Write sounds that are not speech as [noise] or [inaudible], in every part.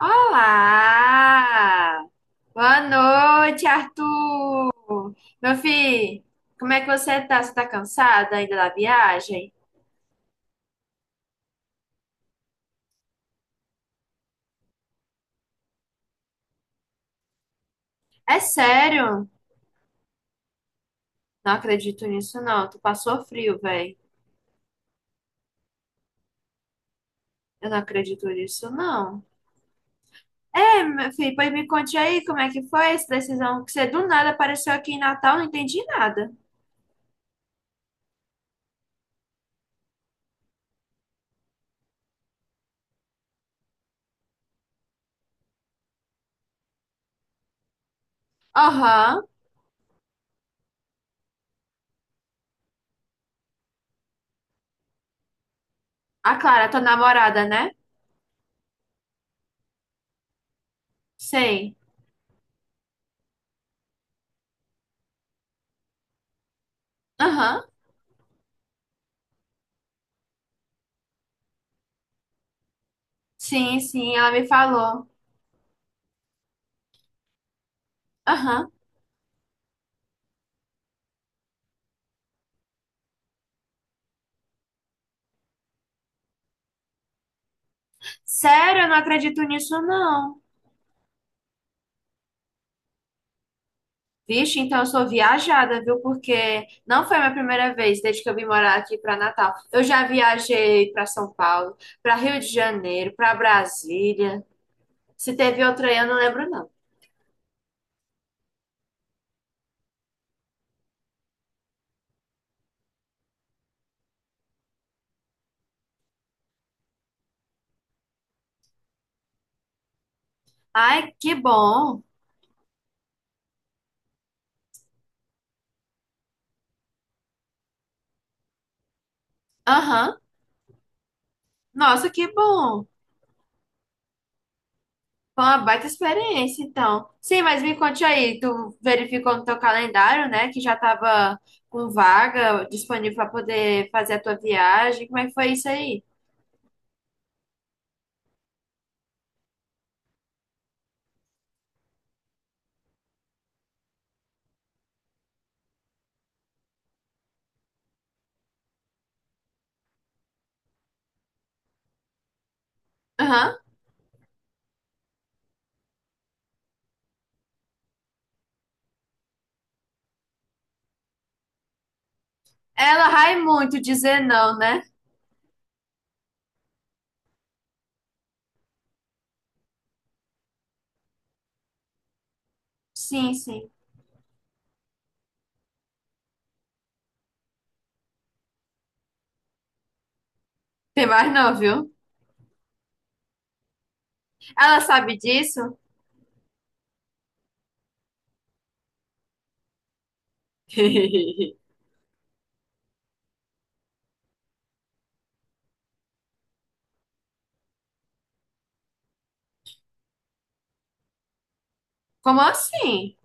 Olá! Boa noite, Arthur! Meu filho, como é que você tá? Você tá cansada ainda da viagem? É sério? Não acredito nisso, não. Tu passou frio, velho. Eu não acredito nisso, não. É, meu filho, pois me conte aí como é que foi essa decisão que você do nada apareceu aqui em Natal, não entendi nada. Aham. A Clara, tua namorada, né? Sei. Aham. Sim, sim, ela me falou. Aham. Sério, eu não acredito nisso, não. Vixe, então eu sou viajada, viu? Porque não foi a minha primeira vez desde que eu vim morar aqui para Natal. Eu já viajei para São Paulo, para Rio de Janeiro, para Brasília. Se teve outra aí, eu não lembro, não. Ai, que bom. Aham. Nossa, que bom. Foi uma baita experiência, então. Sim, mas me conte aí, tu verificou no teu calendário, né, que já tava com vaga disponível para poder fazer a tua viagem. Como é que foi isso aí? Aham. Ela vai muito dizer não, né? Sim, sim. Tem mais não, viu? Ela sabe disso? [laughs] Como assim?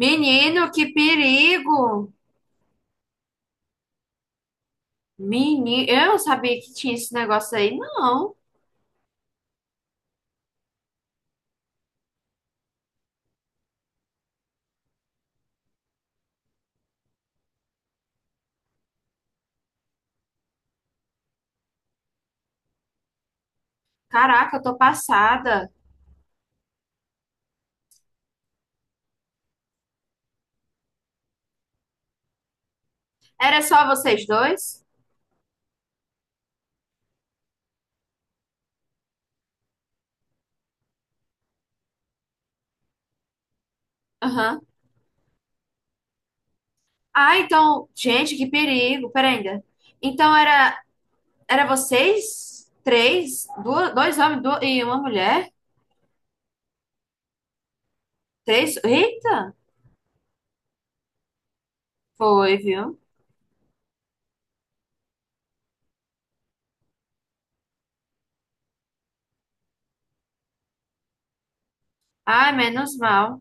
Menino, que perigo! Menino, eu não sabia que tinha esse negócio aí, não. Caraca, eu tô passada. Era só vocês dois? Aham. Ah, então, gente, que perigo. Pera ainda. Então era, era vocês três? Duas, e uma mulher? Três? Eita! Foi, viu? Ai, menos mal.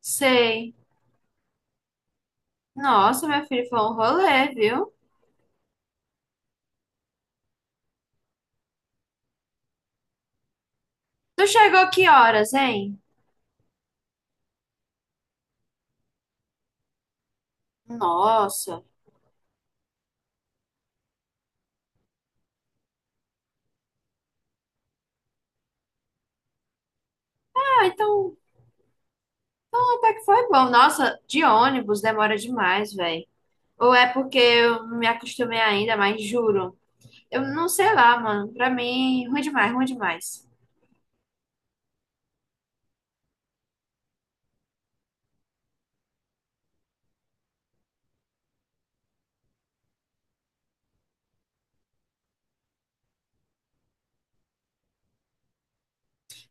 Sei. Nossa, meu filho, foi um rolê, viu? Tu chegou que horas, hein? Nossa. Ah, então, então até que foi bom. Nossa, de ônibus demora demais, velho. Ou é porque eu não me acostumei ainda, mas juro. Eu não sei lá, mano. Pra mim, ruim demais, ruim demais.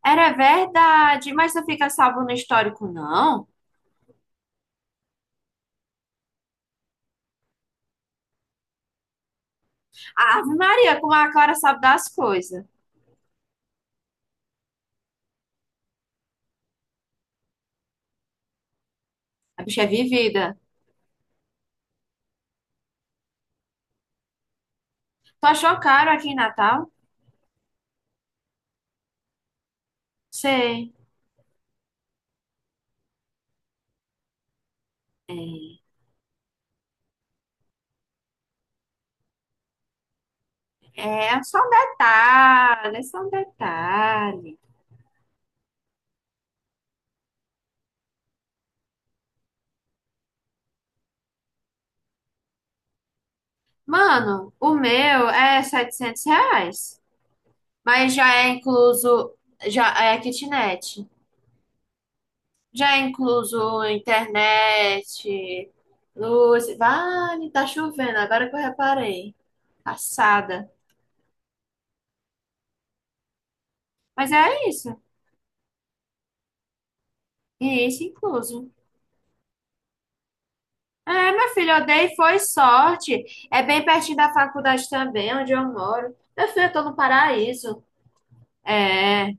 Era verdade, mas não fica salvo no histórico, não? Ave Maria, como a Clara sabe das coisas. A bicha é vivida. Tu achou caro aqui em Natal? Sei. É. É só um detalhe, é só um detalhe. Mano, o meu é R$ 700, mas já é incluso, já é kitnet, já é incluso internet, luz, vale, tá chovendo, agora que eu reparei, passada. Mas é isso, e isso incluso. É, meu filho, eu dei, foi sorte. É bem pertinho da faculdade também, onde eu moro. Meu filho, eu tô no paraíso. É,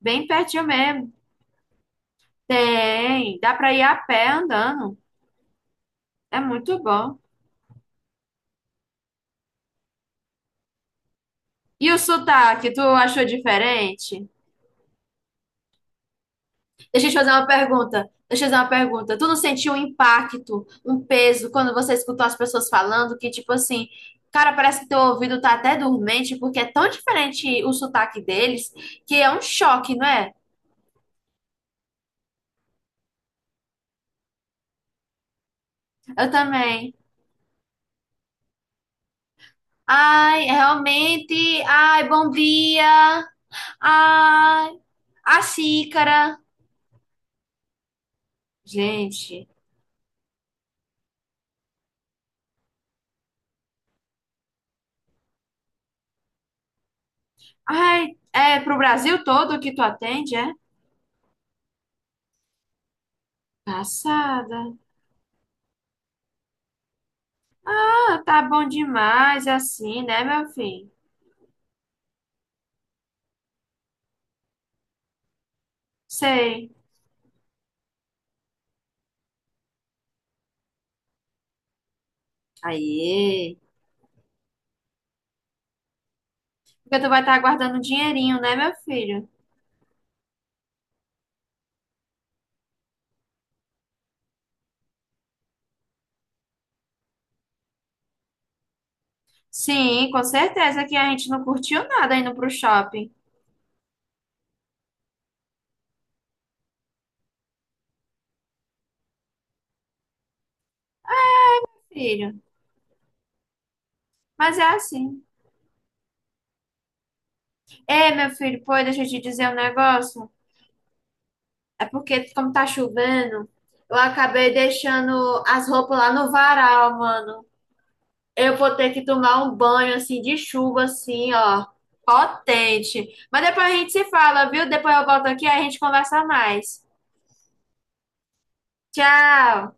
bem pertinho mesmo. Tem, dá pra ir a pé andando. É muito bom. E o sotaque, tu achou diferente? Deixa eu te fazer uma pergunta. Deixa eu te fazer uma pergunta. Tu não sentiu um impacto, um peso, quando você escutou as pessoas falando que, tipo assim, cara, parece que teu ouvido tá até dormente, porque é tão diferente o sotaque deles, que é um choque, não é? Eu também. Ai, realmente. Ai, bom dia. Ai, a xícara. Gente. Ai, é pro Brasil todo que tu atende, é? Passada. Ah, tá bom demais assim, né, meu filho? Sei. Aí. Porque tu vai estar guardando um dinheirinho, né, meu filho? Sim, com certeza que a gente não curtiu nada indo pro shopping, filho. Mas é assim. Ei, meu filho, pô, deixa eu te dizer um negócio. É porque, como tá chovendo, eu acabei deixando as roupas lá no varal, mano. Eu vou ter que tomar um banho assim de chuva, assim, ó, potente. Mas depois a gente se fala, viu? Depois eu volto aqui e a gente conversa mais. Tchau!